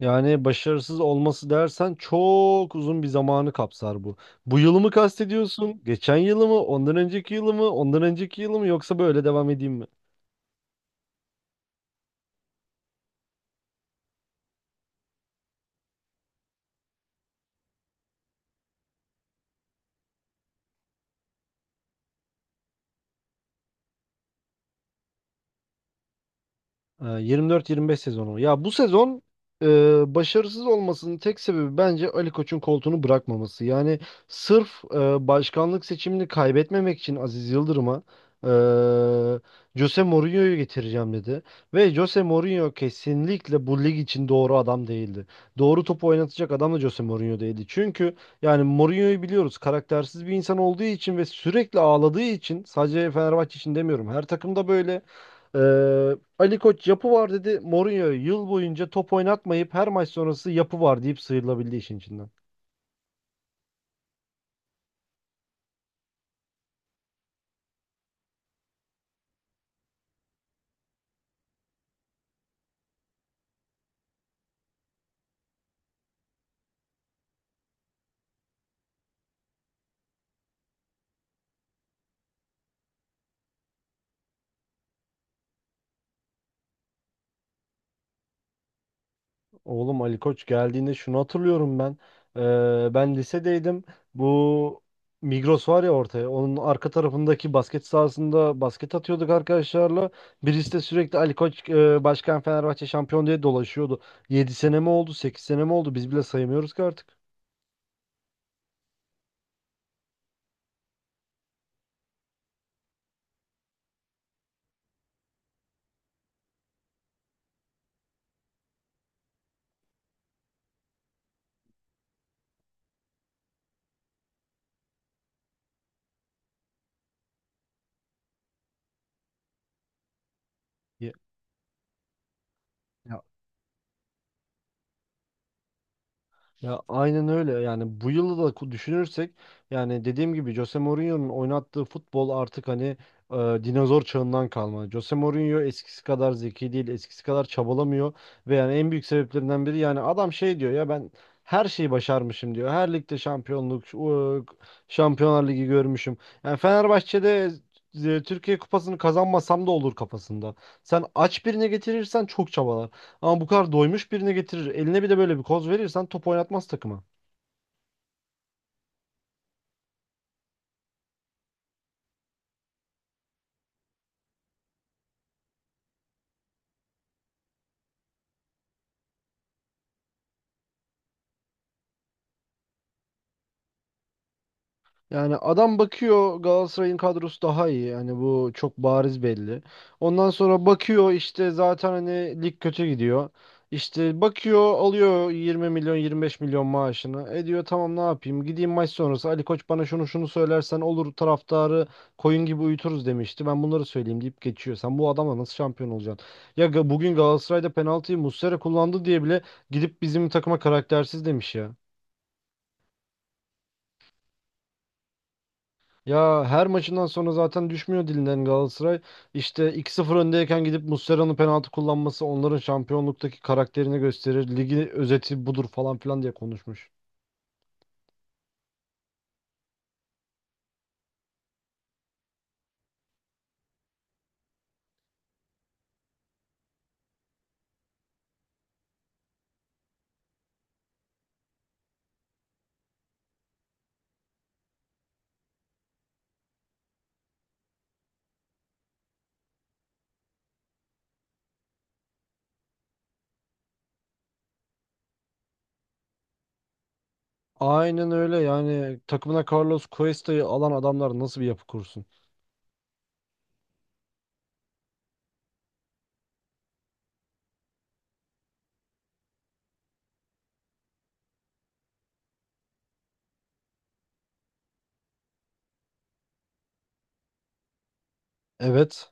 Yani başarısız olması dersen çok uzun bir zamanı kapsar bu. Bu yılı mı kastediyorsun? Geçen yılı mı? Ondan önceki yılı mı? Ondan önceki yılı mı? Yoksa böyle devam edeyim mi? 24-25 sezonu. Ya bu sezon başarısız olmasının tek sebebi bence Ali Koç'un koltuğunu bırakmaması. Yani sırf başkanlık seçimini kaybetmemek için Aziz Yıldırım'a e, Jose Mourinho'yu getireceğim dedi. Ve Jose Mourinho kesinlikle bu lig için doğru adam değildi. Doğru topu oynatacak adam da Jose Mourinho değildi. Çünkü yani Mourinho'yu biliyoruz karaktersiz bir insan olduğu için ve sürekli ağladığı için sadece Fenerbahçe için demiyorum. Her takımda böyle. Ali Koç yapı var dedi. Mourinho yıl boyunca top oynatmayıp her maç sonrası yapı var deyip sıyrılabildi işin içinden. Oğlum Ali Koç geldiğinde şunu hatırlıyorum ben. Ben lisedeydim. Bu Migros var ya ortaya. Onun arka tarafındaki basket sahasında basket atıyorduk arkadaşlarla. Birisi de sürekli Ali Koç başkan Fenerbahçe şampiyon diye dolaşıyordu. 7 sene mi oldu, 8 sene mi oldu? Biz bile sayamıyoruz ki artık. Ya. Ya aynen öyle yani bu yılı da düşünürsek yani dediğim gibi Jose Mourinho'nun oynattığı futbol artık hani e, dinozor çağından kalma. Jose Mourinho eskisi kadar zeki değil, eskisi kadar çabalamıyor ve yani en büyük sebeplerinden biri yani adam şey diyor ya ben her şeyi başarmışım diyor. Her ligde şampiyonluk, Şampiyonlar Ligi görmüşüm. Yani Fenerbahçe'de Türkiye Kupası'nı kazanmasam da olur kafasında. Sen aç birine getirirsen çok çabalar. Ama bu kadar doymuş birini getirir. Eline bir de böyle bir koz verirsen top oynatmaz takıma. Yani adam bakıyor Galatasaray'ın kadrosu daha iyi. Yani bu çok bariz belli. Ondan sonra bakıyor işte zaten hani lig kötü gidiyor. İşte bakıyor alıyor 20 milyon 25 milyon maaşını. E diyor tamam ne yapayım gideyim maç sonrası Ali Koç bana şunu şunu söylersen olur taraftarı koyun gibi uyuturuz demişti. Ben bunları söyleyeyim deyip geçiyor. Sen bu adamla nasıl şampiyon olacaksın? Ya bugün Galatasaray'da penaltıyı Muslera kullandı diye bile gidip bizim takıma karaktersiz demiş ya. Ya her maçından sonra zaten düşmüyor dilinden Galatasaray. İşte 2-0 öndeyken gidip Muslera'nın penaltı kullanması onların şampiyonluktaki karakterini gösterir. Ligi özeti budur falan filan diye konuşmuş. Aynen öyle yani takımına Carlos Cuesta'yı alan adamlar nasıl bir yapı kursun? Evet.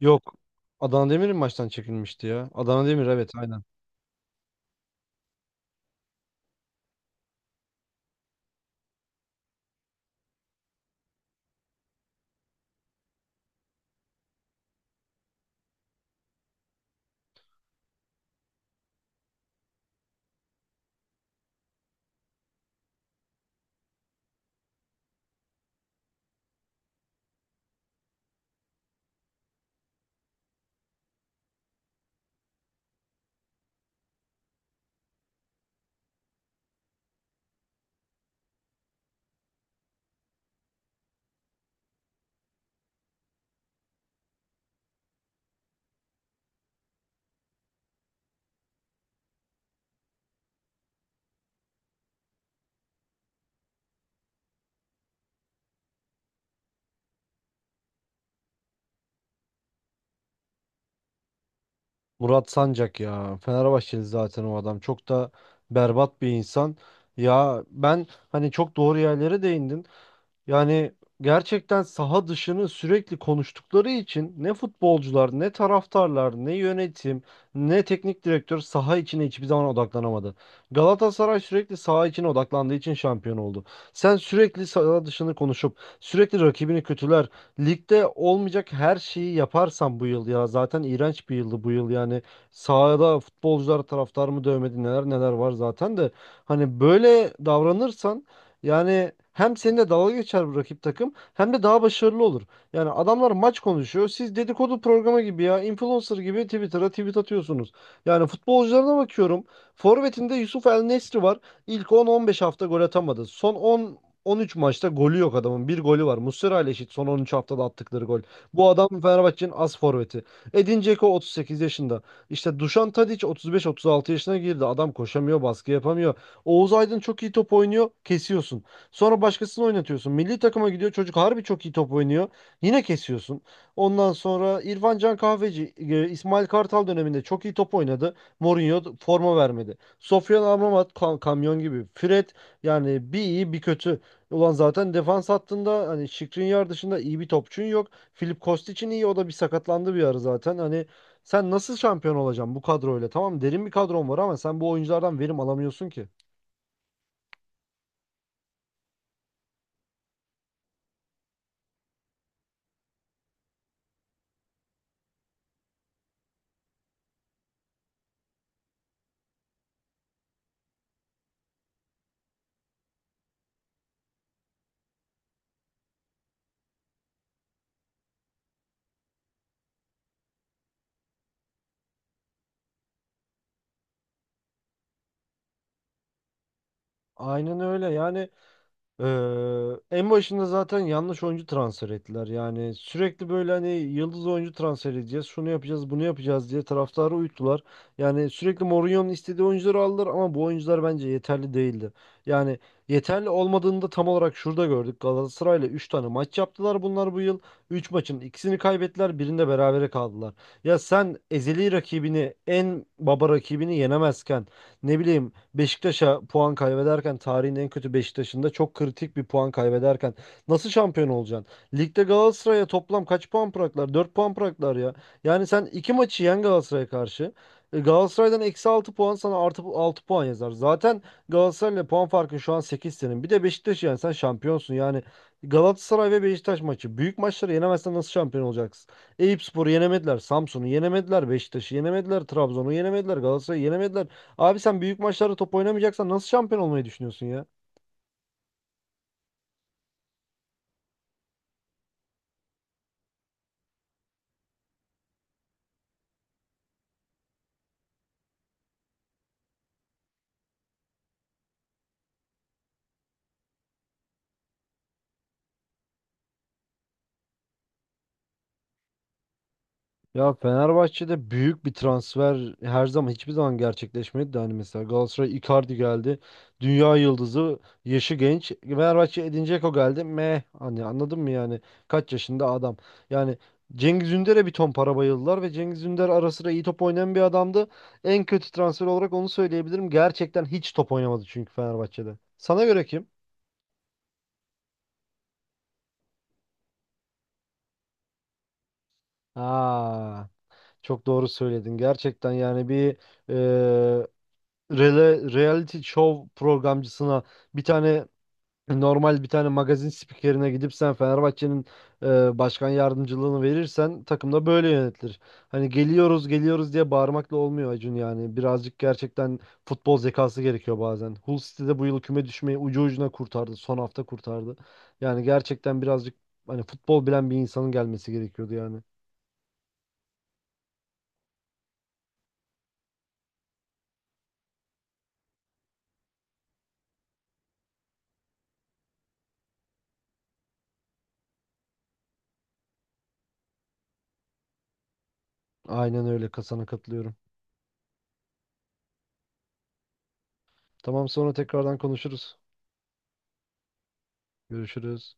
Yok. Adana Demir'in maçtan çekilmişti ya. Adana Demir, evet, aynen. Murat Sancak ya. Fenerbahçeli zaten o adam. Çok da berbat bir insan. Ya ben hani çok doğru yerlere değindin. Yani gerçekten saha dışını sürekli konuştukları için ne futbolcular, ne taraftarlar, ne yönetim, ne teknik direktör saha içine hiçbir zaman odaklanamadı. Galatasaray sürekli saha içine odaklandığı için şampiyon oldu. Sen sürekli saha dışını konuşup sürekli rakibini kötüler, ligde olmayacak her şeyi yaparsan bu yıl ya zaten iğrenç bir yıldı bu yıl yani sahada futbolcular taraftar mı dövmedi neler neler var zaten de hani böyle davranırsan yani hem seninle dalga geçer bu rakip takım hem de daha başarılı olur. Yani adamlar maç konuşuyor. Siz dedikodu programı gibi ya influencer gibi Twitter'a tweet atıyorsunuz. Yani futbolcularına bakıyorum. Forvet'inde Yusuf El Nesri var. İlk 10-15 hafta gol atamadı. Son 10 13 maçta golü yok adamın. Bir golü var. Muslera ile eşit son 13 haftada attıkları gol. Bu adam Fenerbahçe'nin as forveti. Edin Dzeko 38 yaşında. İşte Dušan Tadić 35-36 yaşına girdi. Adam koşamıyor, baskı yapamıyor. Oğuz Aydın çok iyi top oynuyor, kesiyorsun. Sonra başkasını oynatıyorsun. Milli takıma gidiyor çocuk harbi çok iyi top oynuyor. Yine kesiyorsun. Ondan sonra İrfan Can Kahveci, İsmail Kartal döneminde çok iyi top oynadı. Mourinho forma vermedi. Sofyan Amrabat kamyon gibi. Fred yani bir iyi bir kötü. Ulan zaten defans hattında hani Skriniar dışında iyi bir topçun yok. Filip Kostic'in iyi o da bir sakatlandı bir ara zaten. Hani sen nasıl şampiyon olacaksın bu kadroyla? Tamam derin bir kadron var ama sen bu oyunculardan verim alamıyorsun ki. Aynen öyle yani en başında zaten yanlış oyuncu transfer ettiler yani sürekli böyle hani yıldız oyuncu transfer edeceğiz şunu yapacağız bunu yapacağız diye taraftarı uyuttular. Yani sürekli Mourinho'nun istediği oyuncuları aldılar ama bu oyuncular bence yeterli değildi. Yani yeterli olmadığını da tam olarak şurada gördük Galatasaray'la 3 tane maç yaptılar bunlar bu yıl. 3 maçın ikisini kaybettiler birinde berabere kaldılar. Ya sen ezeli rakibini en baba rakibini yenemezken ne bileyim Beşiktaş'a puan kaybederken tarihin en kötü Beşiktaş'ında çok kritik bir puan kaybederken nasıl şampiyon olacaksın? Ligde Galatasaray'a toplam kaç puan bıraktılar? 4 puan bıraktılar ya. Yani sen 2 maçı yen Galatasaray'a karşı. E, Galatasaray'dan -6 puan sana +6 puan yazar. Zaten Galatasaray'la puan farkın şu an 8 senin. Bir de Beşiktaş'ı yani sen şampiyonsun. Yani Galatasaray ve Beşiktaş maçı. Büyük maçları yenemezsen nasıl şampiyon olacaksın? Eyüpspor'u yenemediler. Samsun'u yenemediler. Beşiktaş'ı yenemediler. Trabzon'u yenemediler. Galatasaray'ı yenemediler. Abi sen büyük maçlarda top oynamayacaksan nasıl şampiyon olmayı düşünüyorsun ya? Ya Fenerbahçe'de büyük bir transfer her zaman hiçbir zaman gerçekleşmedi de hani mesela Galatasaray Icardi geldi. Dünya yıldızı, yaşı genç. Fenerbahçe Edin Dzeko geldi. Meh hani anladın mı yani? Kaç yaşında adam. Yani Cengiz Ünder'e bir ton para bayıldılar ve Cengiz Ünder ara sıra iyi top oynayan bir adamdı. En kötü transfer olarak onu söyleyebilirim. Gerçekten hiç top oynamadı çünkü Fenerbahçe'de. Sana göre kim? Aa. Çok doğru söyledin. Gerçekten yani bir e, reality show programcısına bir tane normal bir tane magazin spikerine gidip sen Fenerbahçe'nin başkan yardımcılığını verirsen takım da böyle yönetilir. Hani geliyoruz geliyoruz diye bağırmakla olmuyor Acun yani. Birazcık gerçekten futbol zekası gerekiyor bazen. Hull City'de bu yıl küme düşmeyi ucu ucuna kurtardı. Son hafta kurtardı. Yani gerçekten birazcık hani futbol bilen bir insanın gelmesi gerekiyordu yani. Aynen öyle. Kasana katılıyorum. Tamam sonra tekrardan konuşuruz. Görüşürüz.